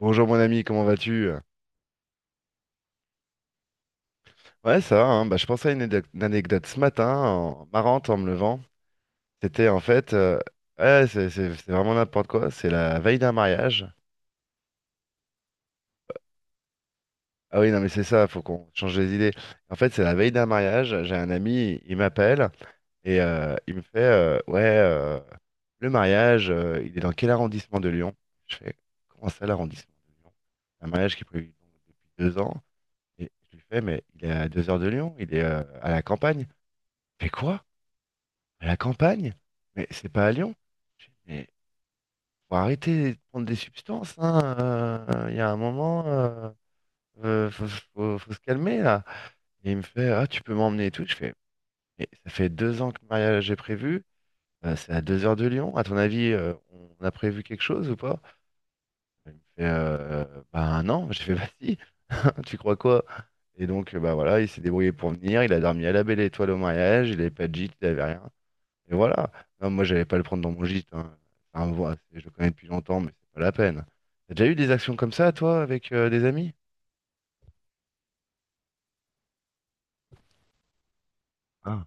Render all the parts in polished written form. Bonjour mon ami, comment vas-tu? Ouais, ça va, hein. Bah, je pensais à anecdote une anecdote ce matin, marrante en me levant. C'était en fait, ouais, c'est vraiment n'importe quoi, c'est la veille d'un mariage. Ah oui, non mais c'est ça, faut qu'on change les idées. En fait, c'est la veille d'un mariage, j'ai un ami, il m'appelle et il me fait, ouais, le mariage, il est dans quel arrondissement de Lyon? Je fais, comment ça l'arrondissement de Lyon? Un mariage qui est prévu donc depuis 2 ans. Et je lui fais, mais il est à 2 heures de Lyon, il est à la campagne. Fais quoi? À la campagne? Mais c'est pas à Lyon. Je dis, mais faut arrêter de prendre des substances, hein. Il y a un moment, faut se calmer là. Et il me fait, ah, tu peux m'emmener et tout. Je fais, mais ça fait 2 ans que le mariage est prévu. C'est à 2 heures de Lyon. À ton avis, on a prévu quelque chose ou pas? Il me fait, bah non. J'ai fait, bah si. Tu crois quoi? Et donc, bah voilà, il s'est débrouillé pour venir. Il a dormi à la Belle Étoile au mariage. Il avait pas de gîte, il avait rien. Et voilà. Non, moi, j'allais pas le prendre dans mon gîte, hein. Enfin, voilà, c'est- je le connais depuis longtemps, mais c'est pas la peine. T'as déjà eu des actions comme ça, toi, avec des amis? Ah,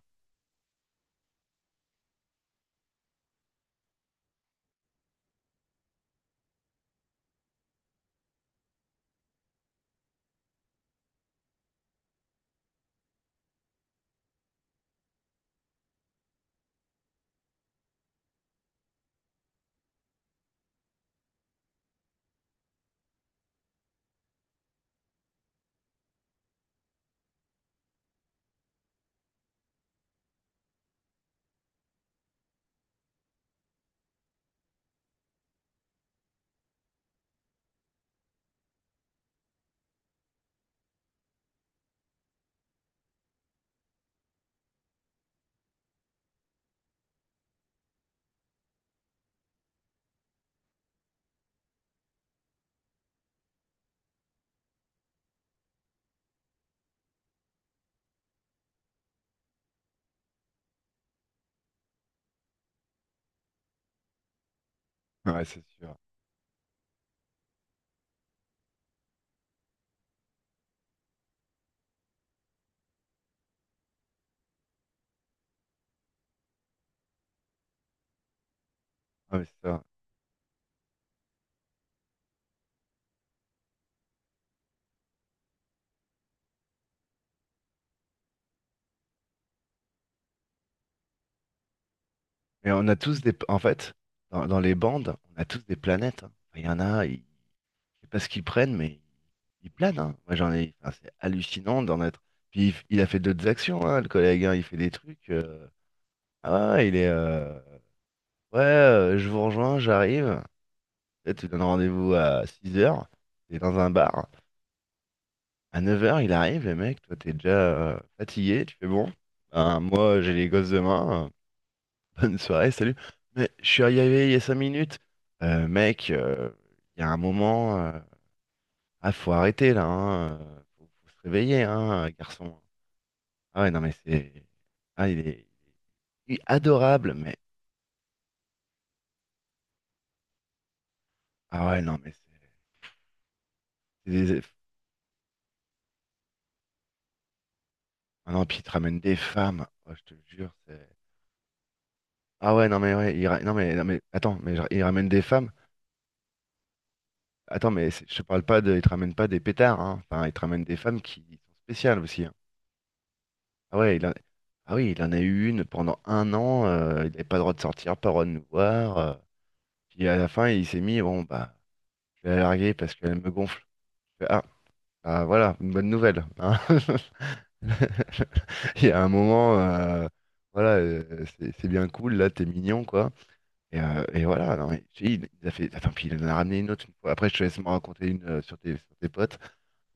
ouais, c'est sûr. Ah, mais c'est ça. Mais on a tous des. En fait, dans les bandes, on a tous des planètes, hein. Enfin, il y en a, ils... je sais pas ce qu'ils prennent, mais ils planent, hein. Moi, j'en ai. Enfin, c'est hallucinant d'en être. Puis il, il a fait d'autres actions, hein, le collègue, hein. Il fait des trucs. Ah, ouais, il est. Ouais, je vous rejoins, j'arrive. Là, tu donnes rendez-vous à 6 heures. T'es dans un bar. À 9 heures, il arrive, le mec, toi t'es déjà fatigué, tu fais bon. Ben, moi j'ai les gosses demain, bonne soirée, salut. Mais je suis arrivé il y a 5 minutes. Mec, il y a un moment, ah faut arrêter là, hein, faut se réveiller, hein, garçon. Ah ouais, non mais c'est. Ah il est adorable, mais. Ah ouais, non mais c'est. C'est des- ah non, puis il te ramène des femmes, oh, je te jure, c'est. Ah ouais, non mais ouais, non mais non mais attends, mais genre, il ramène des femmes. Attends, mais c'est- je te parle pas de. Il te ramène pas des pétards, hein. Enfin, il te ramène des femmes qui sont spéciales aussi, hein. Ah ouais, il en- ah oui, il en a eu une pendant 1 an. Il n'avait pas le droit de sortir, pas le droit de nous voir. Puis à la fin, il s'est mis, bon, bah, je vais la larguer parce qu'elle me gonfle. Je fais, ah, ah, voilà, une bonne nouvelle, hein. Il y a un moment, voilà, c'est bien cool, là, t'es mignon, quoi. Et voilà, non, mais, si, il a fait. Attends, puis il en a ramené une autre une fois. Après, je te laisse me raconter une sur sur tes potes.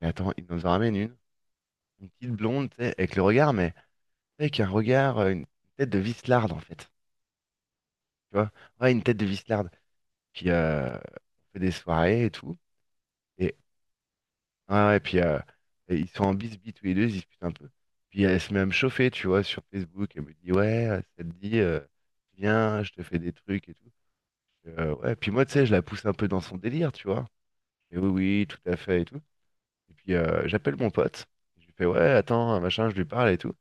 Mais attends, il nous en ramène une. Une petite blonde, tu sais, avec le regard, mais tu sais, avec un regard, une tête de vislarde, en fait. Tu vois? Ouais, une tête de vislarde. Puis, on fait des soirées et tout. Et, ouais, ouais, puis, et ils sont en bisbis tous les deux, ils se disputent un peu. Puis, elle se met à me chauffer, tu vois, sur Facebook. Elle me dit, ouais, ça te dit, viens, je te fais des trucs et tout. Ouais, puis moi, tu sais, je la pousse un peu dans son délire, tu vois. Et oui, oui, tout à fait et tout. Et puis, j'appelle mon pote. Je lui fais, ouais, attends, machin, je lui parle et tout.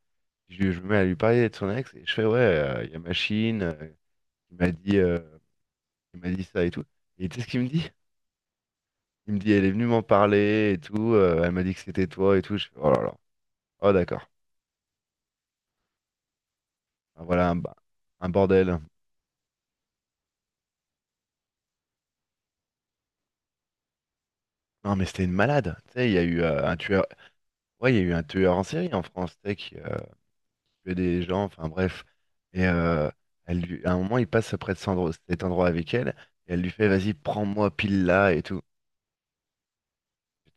Je me mets à lui parler de son ex et je fais ouais, il y a machine, il m'a dit, euh, il m'a dit ça et tout. Et tu sais ce qu'il me dit? Il me dit elle est venue m'en parler et tout, elle m'a dit que c'était toi et tout. Je fais oh là là, oh d'accord, ah, voilà un bordel. Non mais c'était une malade, tu sais, il y a eu un tueur, ouais, il y a eu un tueur en série en France, tu sais, qui tuait des gens, enfin bref. Et elle lui- à un moment il passe près de cet endroit avec elle et elle lui fait vas-y prends-moi pile là et tout.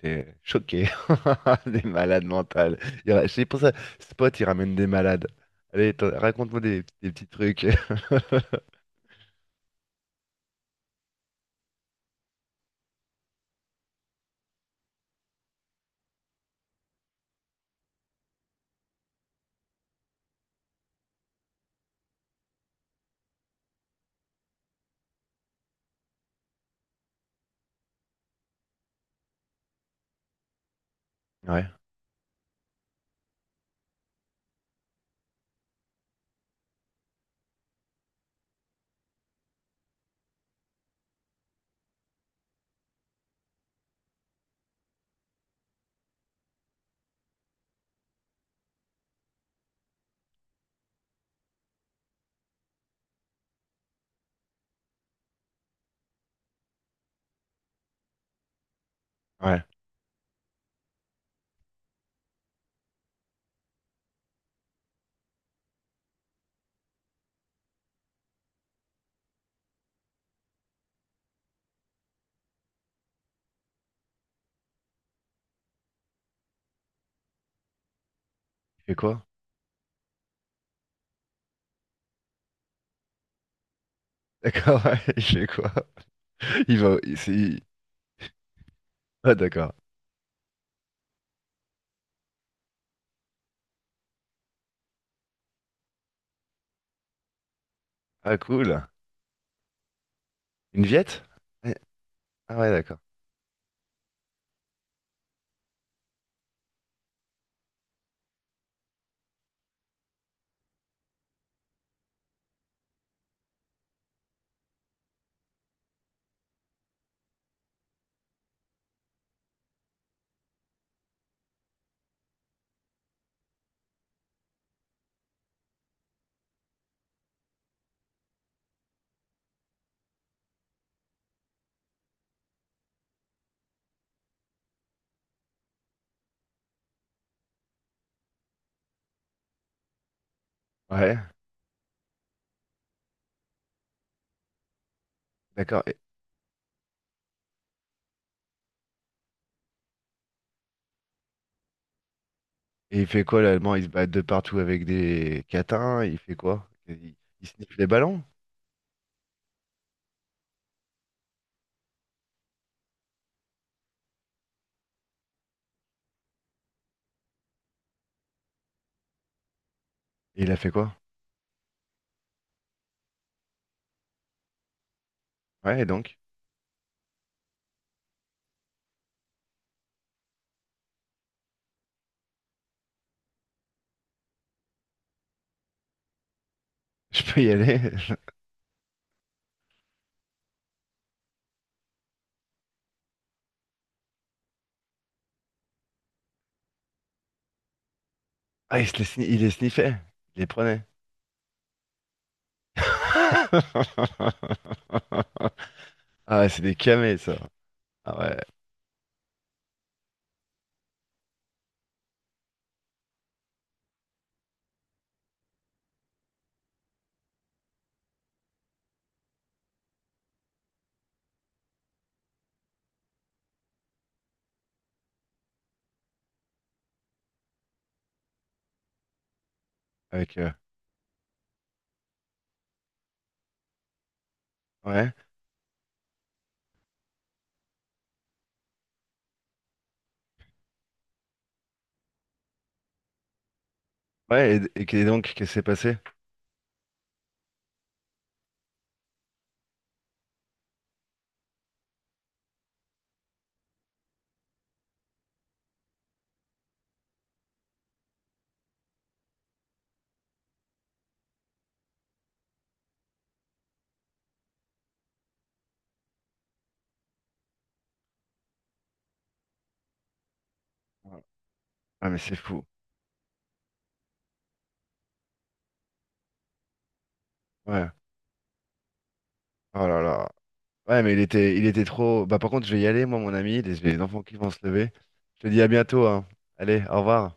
J'étais choqué. Des malades mentales. Il ra- c'est pour ça, Spot, il ramène des malades. Allez, raconte-moi des petits trucs. Ouais, ouais. Il fait quoi? D'accord, ouais, il fait quoi? Il va. Ah, d'accord. Ah, cool. Une viette? Eh, ah, ouais, d'accord. Ouais, d'accord. Et il fait quoi, l'allemand? Il se bat de partout avec des catins? Il fait quoi? Il sniffe les ballons? Et il a fait quoi? Ouais, et donc? Je peux y aller? Ah, il les sniffait. Il les prenait. Ah ouais, c'est des camés, ça. Ah ouais, avec... ouais, ouais, et, donc, qu'est-ce qui s'est passé? Ah mais c'est fou. Ouais. Oh là là. Ouais, mais il était trop... Bah par contre, je vais y aller, moi, mon ami, les enfants qui vont se lever. Je te dis à bientôt, hein. Allez, au revoir.